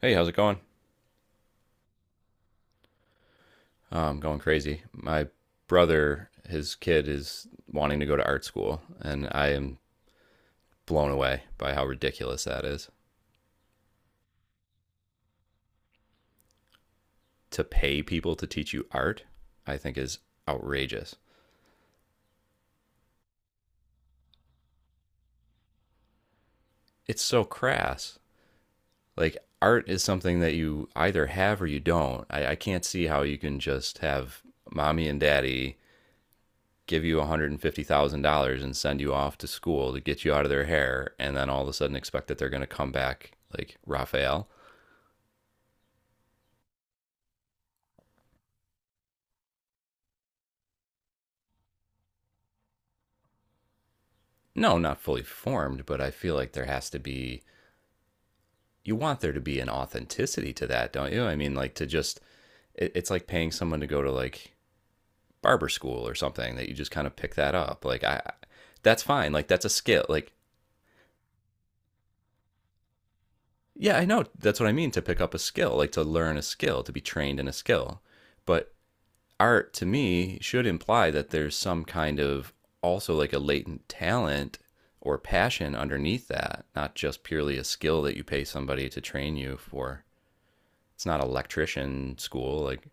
Hey, how's it going? I'm going crazy. My brother, his kid is wanting to go to art school, and I am blown away by how ridiculous that is. To pay people to teach you art, I think is outrageous. It's so crass. Like art is something that you either have or you don't. I can't see how you can just have mommy and daddy give you $150,000 and send you off to school to get you out of their hair and then all of a sudden expect that they're going to come back like Raphael. No, not fully formed, but I feel like there has to be, you want there to be an authenticity to that, don't you? I mean, like to just, it's like paying someone to go to like barber school or something that you just kind of pick that up. That's fine. Like, that's a skill. Like, yeah, I know. That's what I mean, to pick up a skill, like to learn a skill, to be trained in a skill. But art to me should imply that there's some kind of also like a latent talent or passion underneath that, not just purely a skill that you pay somebody to train you for. It's not electrician school like,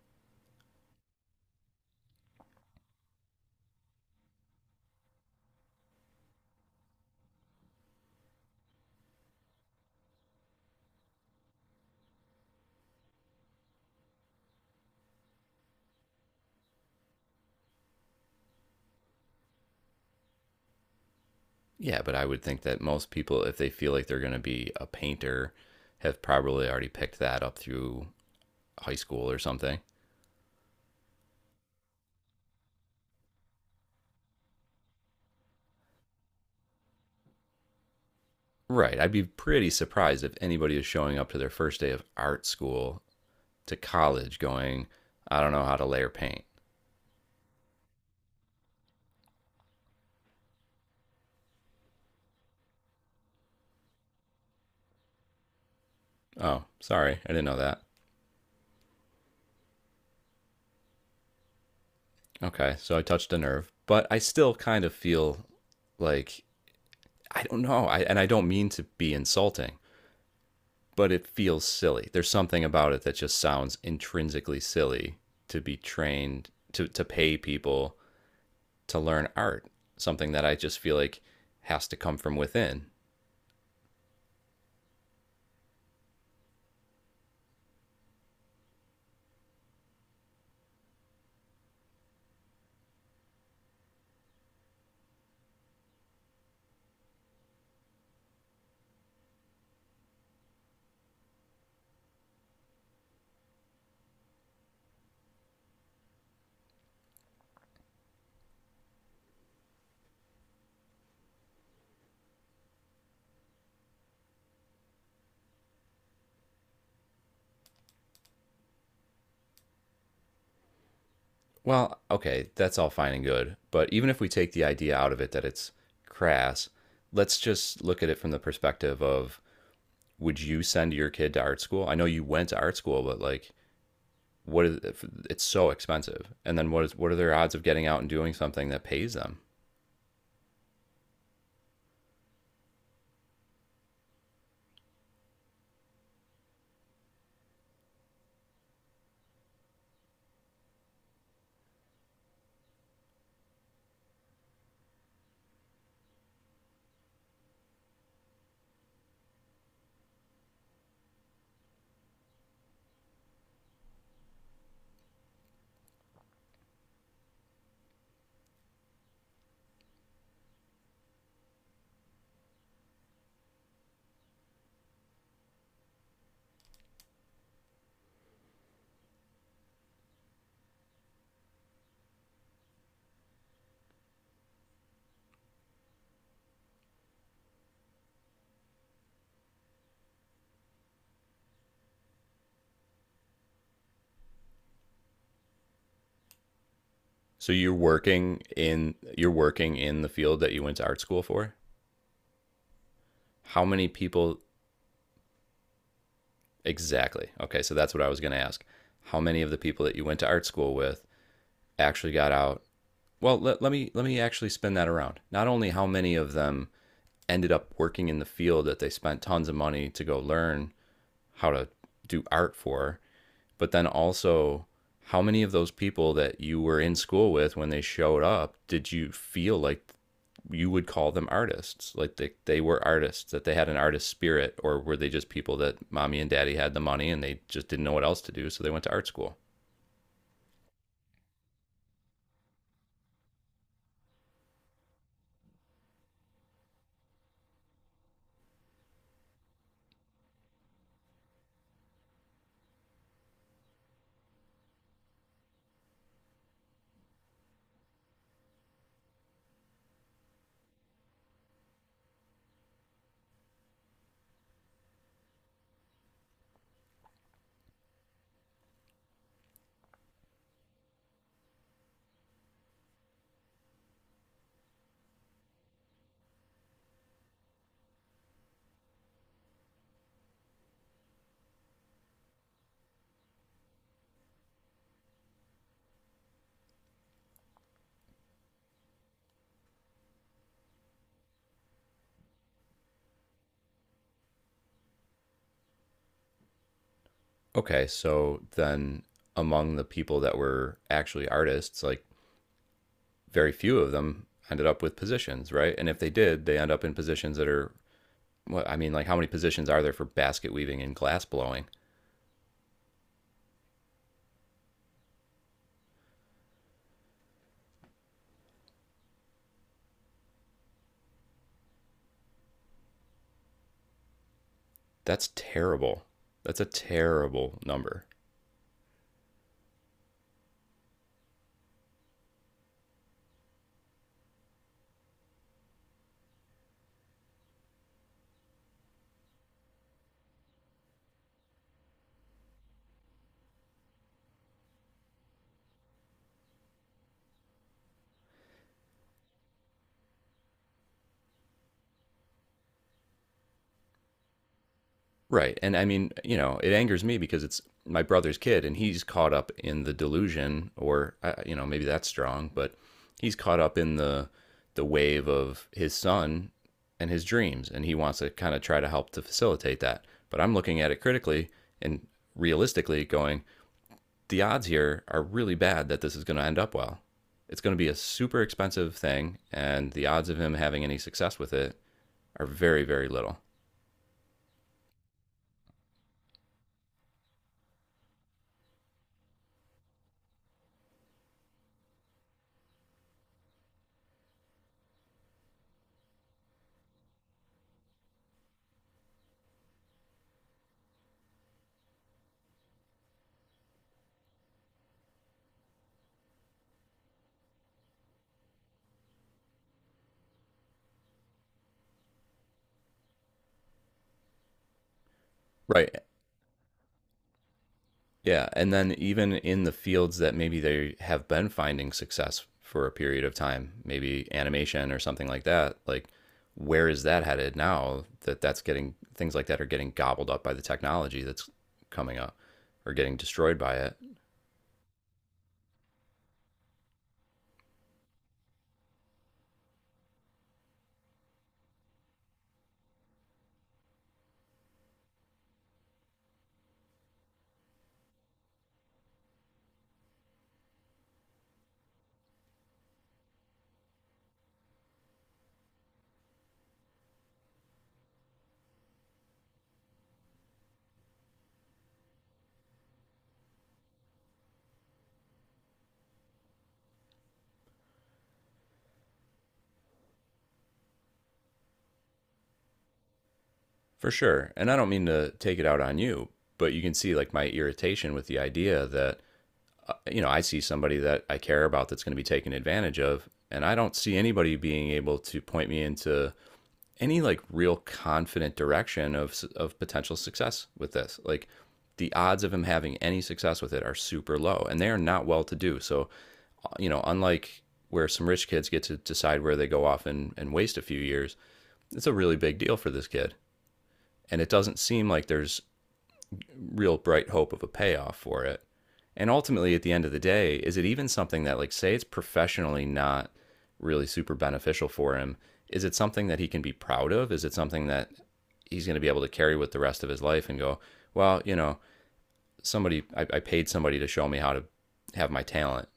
yeah, but I would think that most people, if they feel like they're going to be a painter, have probably already picked that up through high school or something. Right. I'd be pretty surprised if anybody is showing up to their first day of art school, to college, going, I don't know how to layer paint. Oh, sorry. I didn't know that. Okay. So I touched a nerve, but I still kind of feel like I don't know. I, and I don't mean to be insulting, but it feels silly. There's something about it that just sounds intrinsically silly to be trained to pay people to learn art, something that I just feel like has to come from within. Well, okay, that's all fine and good, but even if we take the idea out of it that it's crass, let's just look at it from the perspective of, would you send your kid to art school? I know you went to art school, but like, what is, it's so expensive? And then what is, what are their odds of getting out and doing something that pays them? So you're working in, you're working in the field that you went to art school for. How many people exactly? Okay, so that's what I was going to ask. How many of the people that you went to art school with actually got out? Well, let me actually spin that around. Not only how many of them ended up working in the field that they spent tons of money to go learn how to do art for, but then also, how many of those people that you were in school with when they showed up did you feel like you would call them artists? Like they were artists, that they had an artist spirit, or were they just people that mommy and daddy had the money and they just didn't know what else to do, so they went to art school? Okay, so then among the people that were actually artists, like very few of them ended up with positions, right? And if they did, they end up in positions that are, well, I mean, like how many positions are there for basket weaving and glass blowing? That's terrible. That's a terrible number. Right. And I mean, you know, it angers me because it's my brother's kid and he's caught up in the delusion, or you know, maybe that's strong, but he's caught up in the wave of his son and his dreams and he wants to kind of try to help to facilitate that. But I'm looking at it critically and realistically, going, the odds here are really bad that this is going to end up well. It's going to be a super expensive thing and the odds of him having any success with it are very, very little. Right. Yeah, and then even in the fields that maybe they have been finding success for a period of time, maybe animation or something like that, like where is that headed now that that's getting, things like that are getting gobbled up by the technology that's coming up or getting destroyed by it? For sure. And I don't mean to take it out on you, but you can see like my irritation with the idea that, you know, I see somebody that I care about that's going to be taken advantage of and I don't see anybody being able to point me into any like real confident direction of potential success with this. Like the odds of him having any success with it are super low and they are not well to do. So, you know, unlike where some rich kids get to decide where they go off and waste a few years, it's a really big deal for this kid. And it doesn't seem like there's real bright hope of a payoff for it. And ultimately, at the end of the day, is it even something that, like, say it's professionally not really super beneficial for him? Is it something that he can be proud of? Is it something that he's going to be able to carry with the rest of his life and go, well, you know, somebody, I paid somebody to show me how to have my talent.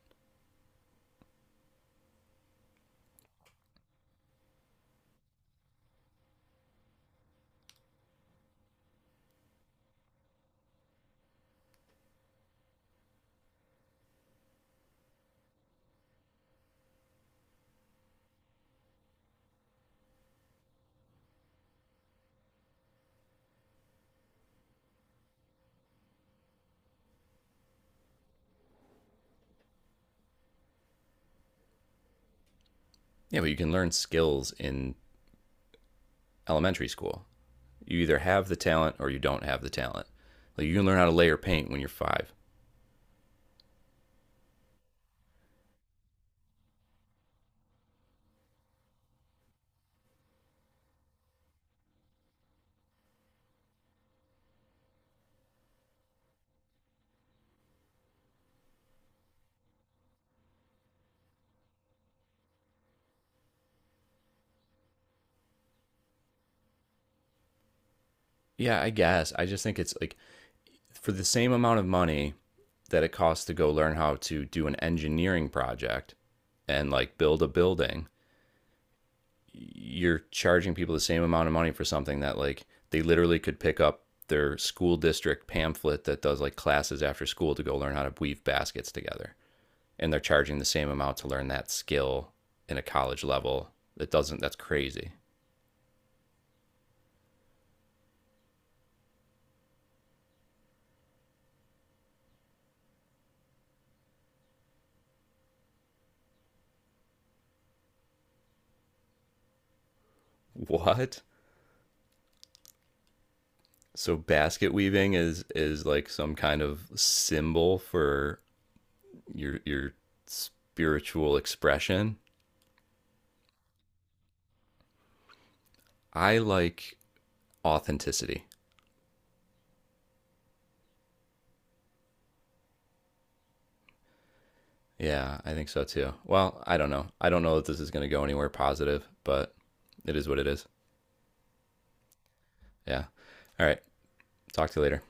Yeah, but you can learn skills in elementary school. You either have the talent or you don't have the talent. Like, you can learn how to layer paint when you're 5. Yeah, I guess. I just think it's like, for the same amount of money that it costs to go learn how to do an engineering project and like build a building, you're charging people the same amount of money for something that like they literally could pick up their school district pamphlet that does like classes after school to go learn how to weave baskets together. And they're charging the same amount to learn that skill in a college level. That doesn't that's crazy. What? So basket weaving is like some kind of symbol for your spiritual expression. I like authenticity. Yeah, I think so too. Well, I don't know. I don't know that this is going to go anywhere positive, but it is what it is. Yeah. All right. Talk to you later.